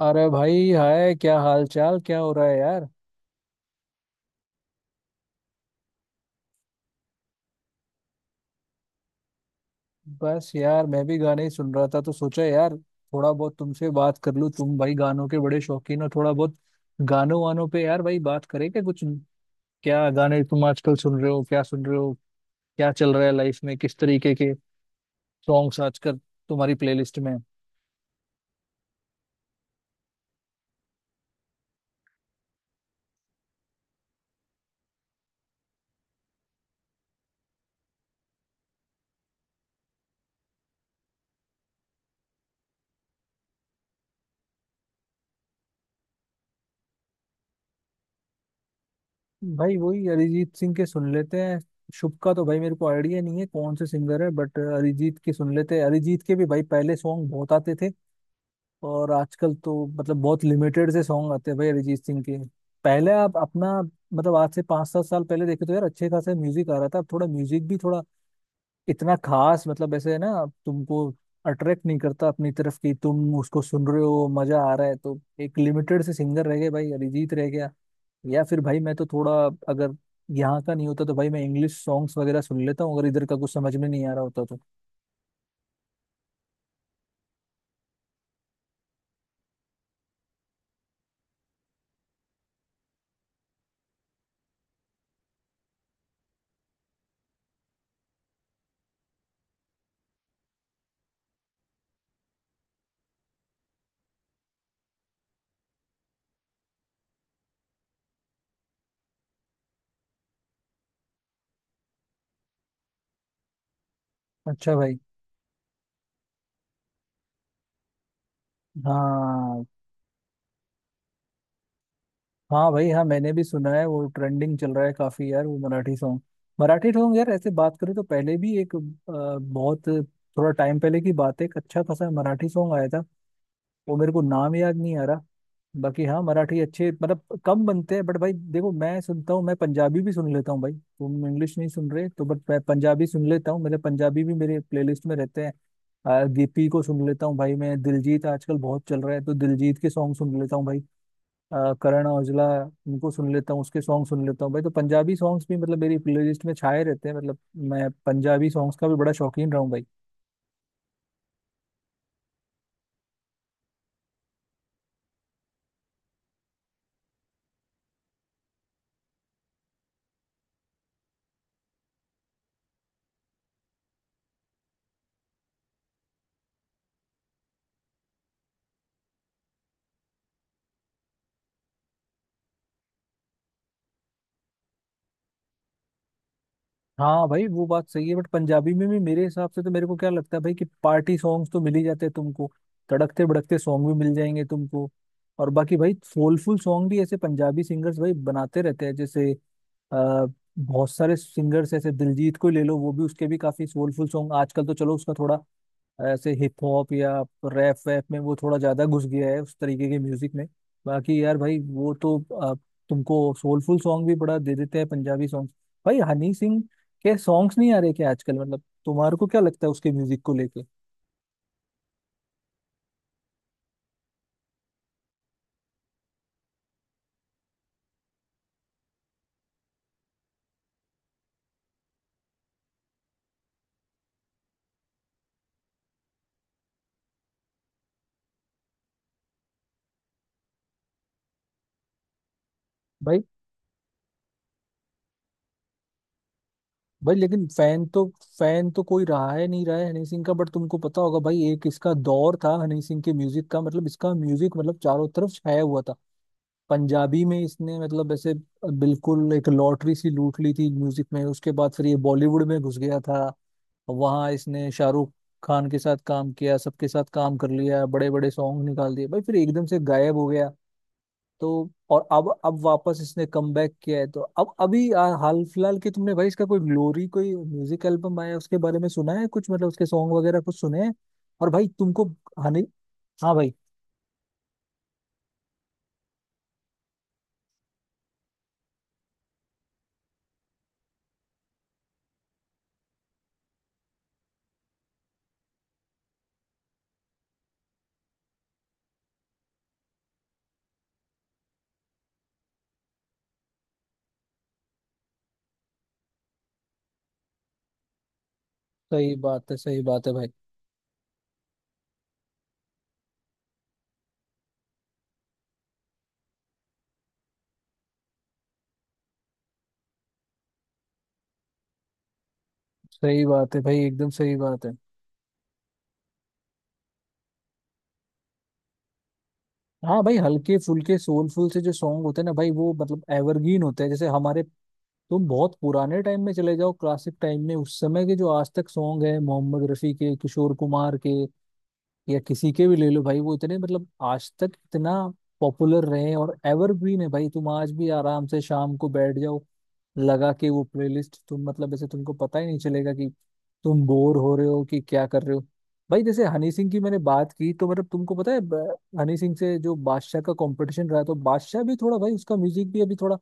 अरे भाई, हाय, क्या हाल चाल, क्या हो रहा है यार। बस यार, मैं भी गाने ही सुन रहा था, तो सोचा यार थोड़ा बहुत तुमसे बात कर लूं। तुम भाई गानों के बड़े शौकीन हो थोड़ा बहुत। गानों वानों पे यार भाई बात करें क्या कुछ। क्या गाने तुम आजकल सुन रहे हो, क्या सुन रहे हो? क्या चल रहा है लाइफ में, किस तरीके के सॉन्ग्स आजकल तुम्हारी प्लेलिस्ट में हैं? भाई, वही अरिजीत सिंह के सुन लेते हैं। शुभ का तो भाई मेरे को आइडिया नहीं है कौन से सिंगर है, बट अरिजीत के सुन लेते हैं। अरिजीत के भी भाई पहले सॉन्ग बहुत आते थे, और आजकल तो मतलब बहुत लिमिटेड से सॉन्ग आते हैं भाई, अरिजीत सिंह के। पहले आप अपना मतलब आज से 5 7 साल पहले देखे तो यार अच्छे खासे म्यूजिक आ रहा था। अब थोड़ा म्यूजिक भी थोड़ा इतना खास मतलब ऐसे है ना, अब तुमको अट्रैक्ट नहीं करता अपनी तरफ कि तुम उसको सुन रहे हो मजा आ रहा है। तो एक लिमिटेड से सिंगर रह गए भाई, अरिजीत रह गया। या फिर भाई मैं तो थोड़ा, अगर यहाँ का नहीं होता तो भाई मैं इंग्लिश सॉन्ग्स वगैरह सुन लेता हूँ, अगर इधर का कुछ समझ में नहीं आ रहा होता तो। अच्छा भाई। हाँ। हाँ भाई, हाँ मैंने भी सुना है, वो ट्रेंडिंग चल रहा है काफी यार वो मराठी सॉन्ग। मराठी सॉन्ग यार ऐसे बात करें तो पहले भी एक बहुत थोड़ा टाइम पहले की बात है, एक अच्छा खासा मराठी सॉन्ग आया था। वो मेरे को नाम याद नहीं आ रहा। बाकी हाँ मराठी अच्छे मतलब कम बनते हैं, बट भाई देखो मैं सुनता हूँ, मैं पंजाबी भी सुन लेता हूँ भाई। तुम इंग्लिश नहीं सुन रहे तो, बट मैं पंजाबी सुन लेता हूँ, मेरे पंजाबी भी मेरे प्लेलिस्ट में रहते हैं। गिप्पी को सुन लेता हूँ भाई, मैं दिलजीत आजकल बहुत चल रहा है तो दिलजीत के सॉन्ग सुन लेता हूँ भाई। करण औजला, उनको सुन लेता हूँ, उसके सॉन्ग सुन लेता हूँ भाई। तो पंजाबी सॉन्ग्स भी मतलब मेरी प्लेलिस्ट में छाए रहते हैं। मतलब मैं पंजाबी सॉन्ग्स का भी बड़ा शौकीन रहा हूँ भाई। हाँ भाई वो बात सही है, बट पंजाबी में भी मेरे हिसाब से, तो मेरे को क्या लगता है भाई कि पार्टी सॉन्ग्स तो मिल ही जाते हैं तुमको, तड़कते भड़कते सॉन्ग भी मिल जाएंगे तुमको। और बाकी भाई सोलफुल सॉन्ग भी ऐसे पंजाबी सिंगर्स भाई बनाते रहते हैं, जैसे अ, बहुत सारे सिंगर्स ऐसे दिलजीत को ही ले लो, वो भी उसके भी काफी सोलफुल सॉन्ग आजकल तो चलो, उसका थोड़ा ऐसे हिप हॉप या रैप वैप में वो थोड़ा ज्यादा घुस गया है, उस तरीके के म्यूजिक में। बाकी यार भाई वो तो आ, तुमको सोलफुल सॉन्ग भी बड़ा दे देते हैं पंजाबी सॉन्ग। भाई हनी सिंह के सॉन्ग्स नहीं आ रहे क्या आजकल, मतलब तुम्हारे को क्या लगता है उसके म्यूजिक को लेके। भाई, भाई लेकिन फैन तो कोई रहा है नहीं रहा है हनी सिंह का, बट तुमको पता होगा भाई, एक इसका दौर था हनी सिंह के म्यूजिक का, मतलब इसका म्यूजिक मतलब चारों तरफ छाया हुआ था। पंजाबी में इसने मतलब ऐसे बिल्कुल एक लॉटरी सी लूट ली थी म्यूजिक में। उसके बाद फिर ये बॉलीवुड में घुस गया था, वहां इसने शाहरुख खान के साथ काम किया, सबके साथ काम कर लिया, बड़े बड़े सॉन्ग निकाल दिए भाई, फिर एकदम से गायब हो गया। तो और अब वापस इसने कम बैक किया है, तो अब अभी हाल फिलहाल के, तुमने भाई इसका कोई ग्लोरी कोई म्यूजिक एल्बम आया उसके बारे में सुना है कुछ, मतलब उसके सॉन्ग वगैरह कुछ सुने हैं? और भाई तुमको हानि। हाँ भाई। सही बात है भाई। सही बात है भाई, एकदम सही बात है। हाँ भाई हल्के फुल्के सोलफुल से जो सॉन्ग होते हैं ना भाई, वो मतलब एवरग्रीन होते हैं। जैसे हमारे, तुम बहुत पुराने टाइम में चले जाओ क्लासिक टाइम में, उस समय के जो आज तक सॉन्ग है, मोहम्मद रफी के, किशोर कुमार के, या किसी के भी ले लो भाई, वो इतने मतलब आज तक इतना पॉपुलर रहे हैं और एवरग्रीन है भाई। तुम आज भी आराम से शाम को बैठ जाओ, लगा के वो प्लेलिस्ट, तुम मतलब ऐसे तुमको पता ही नहीं चलेगा कि तुम बोर हो रहे हो कि क्या कर रहे हो। भाई जैसे हनी सिंह की मैंने बात की, तो मतलब तुमको पता है हनी सिंह से जो बादशाह का कंपटीशन रहा, तो बादशाह भी थोड़ा भाई, उसका म्यूजिक भी अभी थोड़ा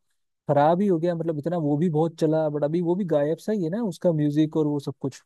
खराब ही हो गया, मतलब इतना वो भी बहुत चला, बट अभी वो भी गायब सा ही है ना, उसका म्यूजिक और वो सब कुछ।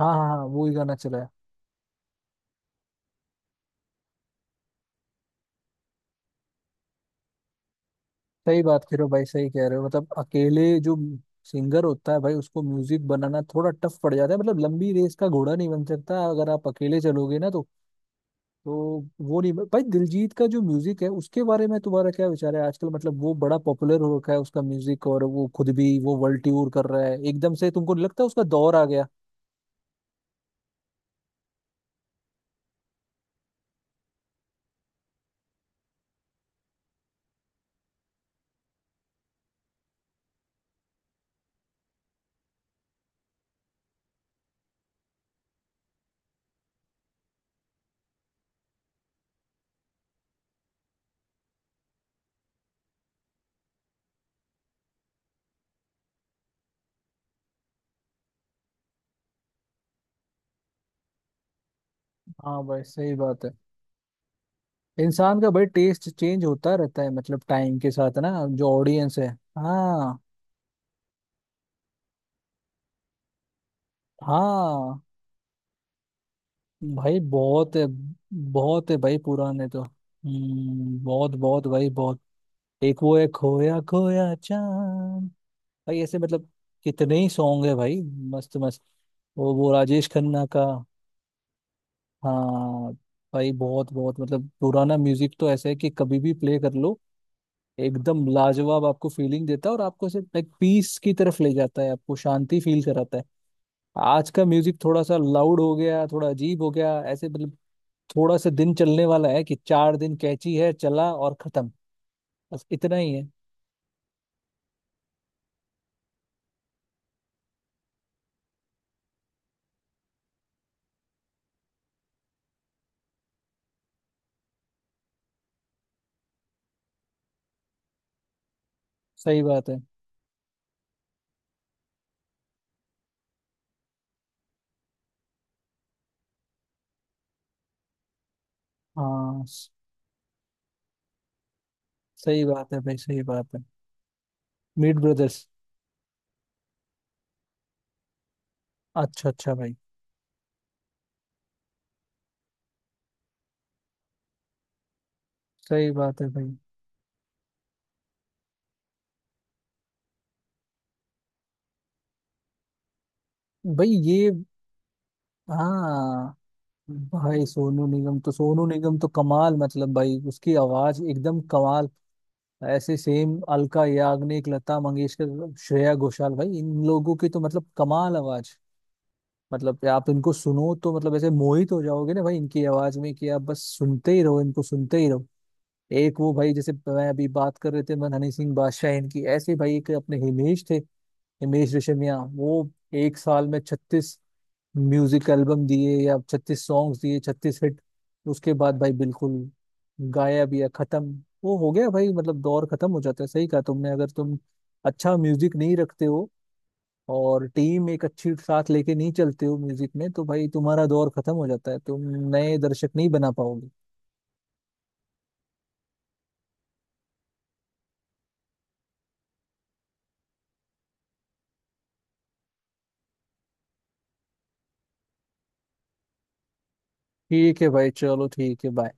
हाँ हाँ हाँ, वो ही गाना चला है। सही बात कह रहे हो भाई, सही कह रहे हो। मतलब अकेले जो सिंगर होता है भाई, उसको म्यूजिक बनाना थोड़ा टफ पड़ जाता है, मतलब लंबी रेस का घोड़ा नहीं बन सकता अगर आप अकेले चलोगे ना तो। तो वो नहीं भाई, दिलजीत का जो म्यूजिक है उसके बारे में तुम्हारा क्या विचार है आजकल, मतलब वो बड़ा पॉपुलर हो रखा है उसका म्यूजिक, और वो खुद भी वो वर्ल्ड टूर कर रहा है। एकदम से तुमको नहीं लगता उसका दौर आ गया? हाँ भाई सही बात है। इंसान का भाई टेस्ट चेंज होता रहता है, मतलब टाइम के साथ ना, जो ऑडियंस है। हाँ। हाँ भाई बहुत है, बहुत है भाई पुराने तो। हम्म, बहुत बहुत भाई बहुत। एक वो है खोया खोया चांद भाई, ऐसे मतलब कितने ही सॉन्ग है भाई, मस्त मस्त। वो राजेश खन्ना का। हाँ भाई बहुत बहुत, मतलब पुराना म्यूजिक तो ऐसा है कि कभी भी प्ले कर लो, एकदम लाजवाब आपको फीलिंग देता है, और आपको ऐसे लाइक पीस की तरफ ले जाता है, आपको शांति फील कराता है। आज का म्यूजिक थोड़ा सा लाउड हो गया, थोड़ा अजीब हो गया, ऐसे मतलब थोड़ा सा दिन चलने वाला है कि चार दिन कैची है, चला और खत्म। बस इतना ही है। सही बात है। हाँ। सही बात है भाई, सही बात है। मीट ब्रदर्स। अच्छा अच्छा भाई। सही बात है भाई। भाई ये। हाँ भाई सोनू निगम तो, सोनू निगम तो कमाल, मतलब भाई उसकी आवाज एकदम कमाल। ऐसे सेम अलका याग्निक, लता मंगेशकर, श्रेया घोषाल, भाई इन लोगों की तो मतलब कमाल आवाज, मतलब कि आप इनको सुनो तो मतलब ऐसे मोहित हो जाओगे ना भाई, इनकी आवाज में कि आप बस सुनते ही रहो, इनको सुनते ही रहो। एक वो भाई, जैसे मैं अभी बात कर रहे थे मन, हनी सिंह, बादशाह, इनकी ऐसे ही भाई एक अपने हिमेश थे, हिमेश रेशमिया। वो एक साल में 36 म्यूजिक एल्बम दिए, या 36 सॉन्ग्स दिए, 36 हिट। उसके बाद भाई बिल्कुल गायब या खत्म। वो हो गया भाई, मतलब दौर खत्म हो जाता है। सही कहा तुमने, अगर तुम अच्छा म्यूजिक नहीं रखते हो और टीम एक अच्छी साथ लेके नहीं चलते हो म्यूजिक में, तो भाई तुम्हारा दौर खत्म हो जाता है, तुम नए दर्शक नहीं बना पाओगे। ठीक है भाई, चलो ठीक है, बाय।